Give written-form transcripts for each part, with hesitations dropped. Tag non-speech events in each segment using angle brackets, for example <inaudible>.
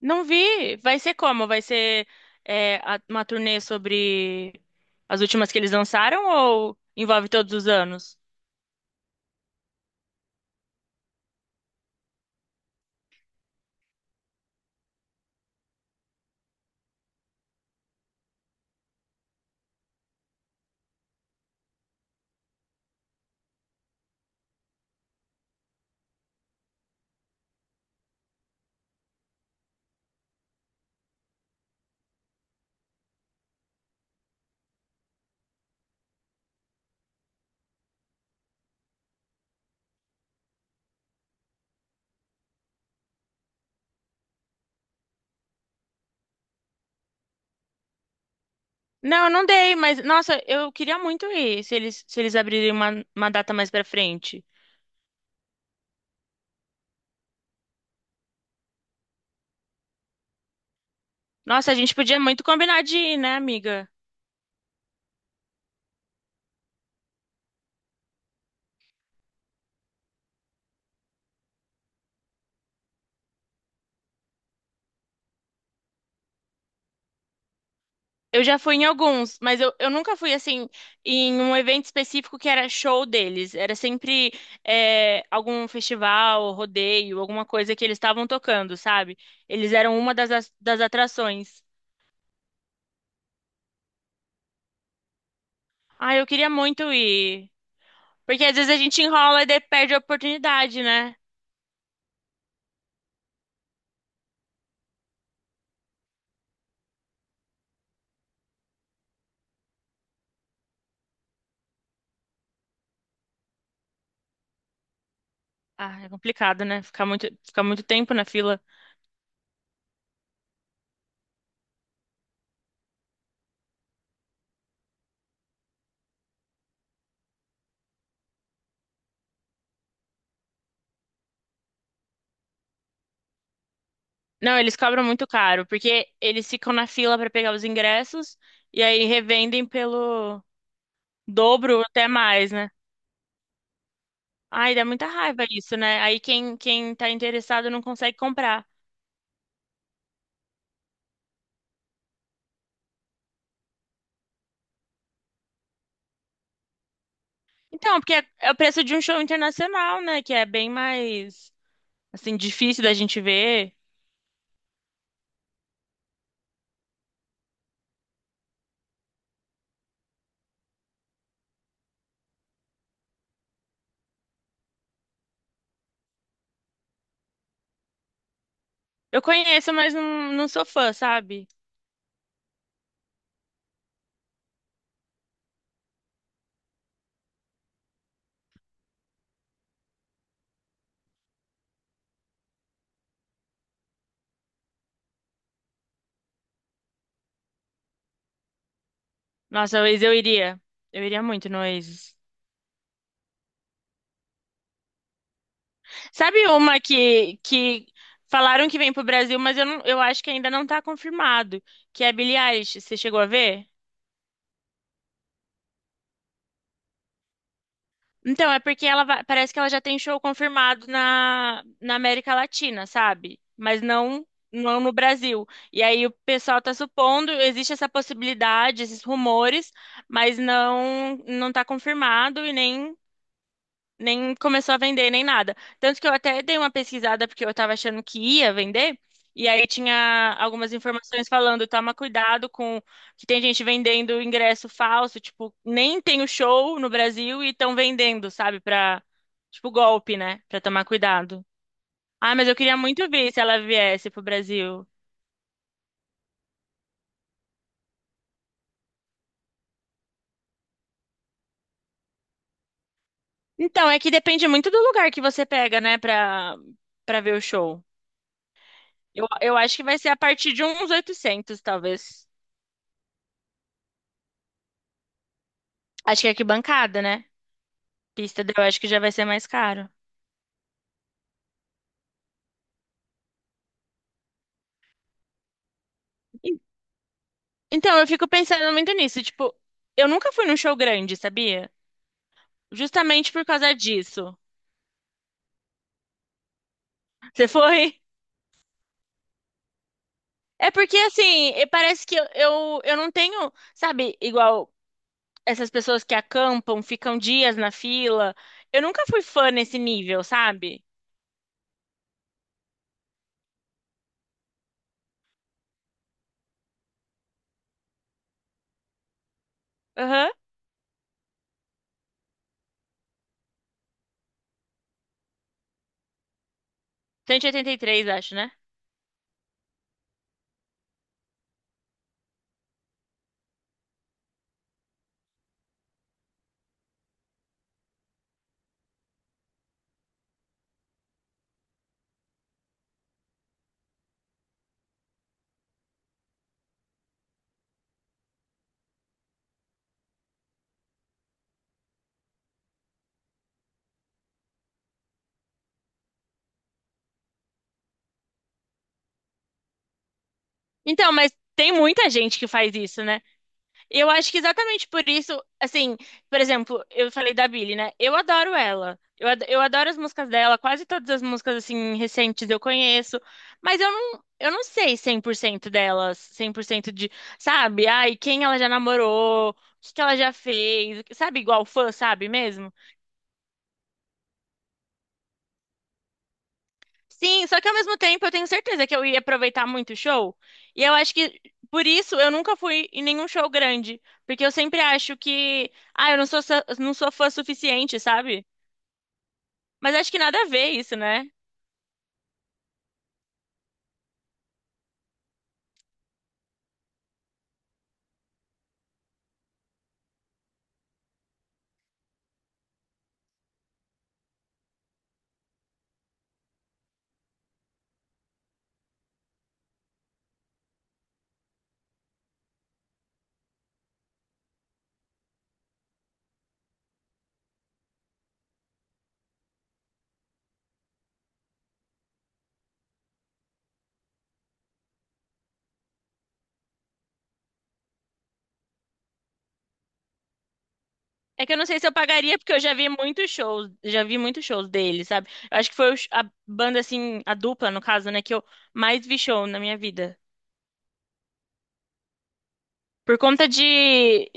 Não vi. Vai ser como? Vai ser uma turnê sobre as últimas que eles lançaram ou envolve todos os anos? Não, eu não dei, mas nossa, eu queria muito ir se eles abrirem uma data mais pra frente. Nossa, a gente podia muito combinar de ir, né, amiga? Eu já fui em alguns, mas eu nunca fui assim em um evento específico que era show deles. Era sempre algum festival, rodeio, alguma coisa que eles estavam tocando, sabe? Eles eram uma das atrações. Ah, eu queria muito ir. Porque às vezes a gente enrola e daí perde a oportunidade, né? Ah, é complicado, né? Ficar muito tempo na fila. Não, eles cobram muito caro, porque eles ficam na fila para pegar os ingressos e aí revendem pelo dobro ou até mais, né? Ai, dá muita raiva isso, né? Aí quem tá interessado não consegue comprar. Então, é o preço de um show internacional, né? Que é bem mais, assim, difícil da gente ver. Eu conheço, mas não, não sou fã, sabe? Nossa, Oasis eu iria. Eu iria muito no Oasis. Sabe uma que falaram que vem pro Brasil, eu acho que ainda não tá confirmado, que é a Billie Eilish. Você chegou a ver? Então, é porque parece que ela já tem show confirmado na América Latina, sabe? Mas não, não no Brasil. E aí o pessoal tá supondo, existe essa possibilidade, esses rumores, mas não tá confirmado e nem começou a vender nem nada. Tanto que eu até dei uma pesquisada porque eu tava achando que ia vender. E aí tinha algumas informações falando, toma cuidado com que tem gente vendendo ingresso falso, tipo, nem tem o show no Brasil e estão vendendo, sabe, pra, tipo, golpe, né? Pra tomar cuidado. Ah, mas eu queria muito ver se ela viesse pro Brasil. Então, é que depende muito do lugar que você pega, né, pra, pra ver o show. Eu acho que vai ser a partir de uns 800 talvez. Acho que é arquibancada, né? Pista, eu acho que já vai ser mais caro. E- Então, eu fico pensando muito nisso. Tipo, eu nunca fui num show grande, sabia? Justamente por causa disso. <laughs> Você foi? É porque, assim, parece que eu não tenho, sabe, igual essas pessoas que acampam, ficam dias na fila. Eu nunca fui fã nesse nível, sabe? Aham. 183, acho, né? Então, mas tem muita gente que faz isso, né? Eu acho que exatamente por isso, assim, por exemplo, eu falei da Billie, né? Eu adoro ela. Eu adoro as músicas dela, quase todas as músicas, assim, recentes eu conheço. Mas eu não sei 100% delas, 100% de, sabe? Ai, quem ela já namorou, o que que ela já fez, sabe? Igual fã, sabe mesmo? Sim, só que ao mesmo tempo eu tenho certeza que eu ia aproveitar muito o show. E eu acho que por isso eu nunca fui em nenhum show grande, porque eu sempre acho que, ah, eu não sou sa- não sou fã suficiente, sabe? Mas acho que nada a ver isso, né? É que eu não sei se eu pagaria porque eu já vi muitos shows, já vi muitos shows dele, sabe? Eu acho que foi a banda assim, a dupla no caso, né, que eu mais vi show na minha vida. Por conta de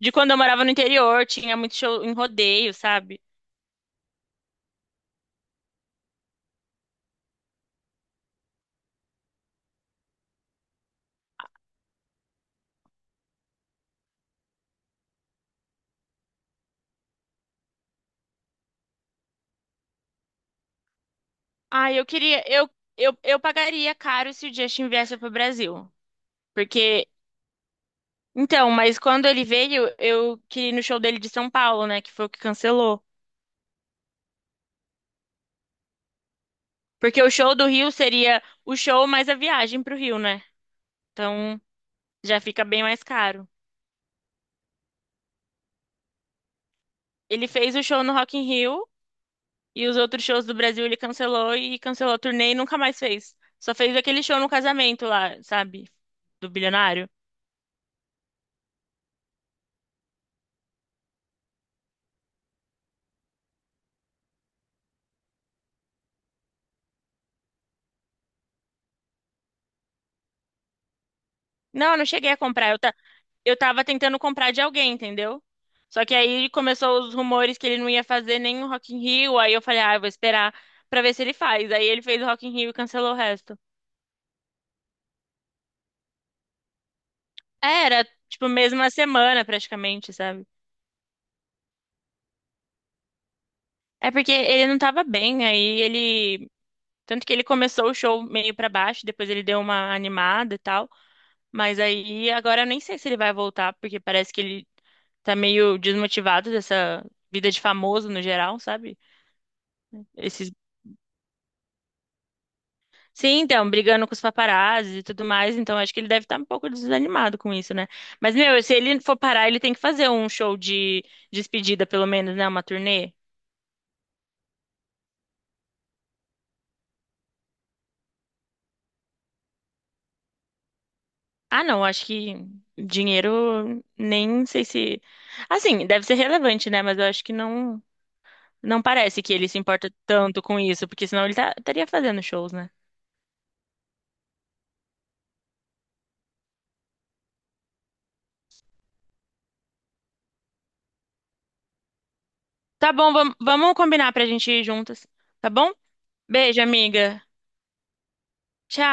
de quando eu morava no interior, tinha muito show em rodeio, sabe? Ah, eu queria, eu pagaria caro se o Justin viesse pro Brasil. Porque, mas quando ele veio, eu queria ir no show dele de São Paulo, né? Que foi o que cancelou. Porque o show do Rio seria o show mais a viagem pro Rio, né? Então, já fica bem mais caro. Ele fez o show no Rock in Rio e os outros shows do Brasil ele cancelou e cancelou a turnê e nunca mais fez. Só fez aquele show no casamento lá, sabe? Do bilionário. Não, eu não cheguei a comprar. Eu tava tentando comprar de alguém, entendeu? Só que aí começou os rumores que ele não ia fazer nem o Rock in Rio, aí eu falei, ah, eu vou esperar pra ver se ele faz. Aí ele fez o Rock in Rio e cancelou o resto. É, era, tipo, mesma semana praticamente, sabe? É porque ele não tava bem, aí ele... Tanto que ele começou o show meio pra baixo, depois ele deu uma animada e tal. Mas aí, agora eu nem sei se ele vai voltar, porque parece que ele tá meio desmotivado dessa vida de famoso no geral, sabe? Esses Sim, então, brigando com os paparazzi e tudo mais, então acho que ele deve estar um pouco desanimado com isso, né? Mas, meu, se ele for parar, ele tem que fazer um show de despedida, pelo menos, né? Uma turnê. Ah, não, acho que dinheiro, nem sei se. Assim, deve ser relevante, né? Mas eu acho que não, não parece que ele se importa tanto com isso, porque senão estaria fazendo shows, né? Tá bom, vamos, vamos combinar pra gente ir juntas, tá bom? Beijo, amiga. Tchau.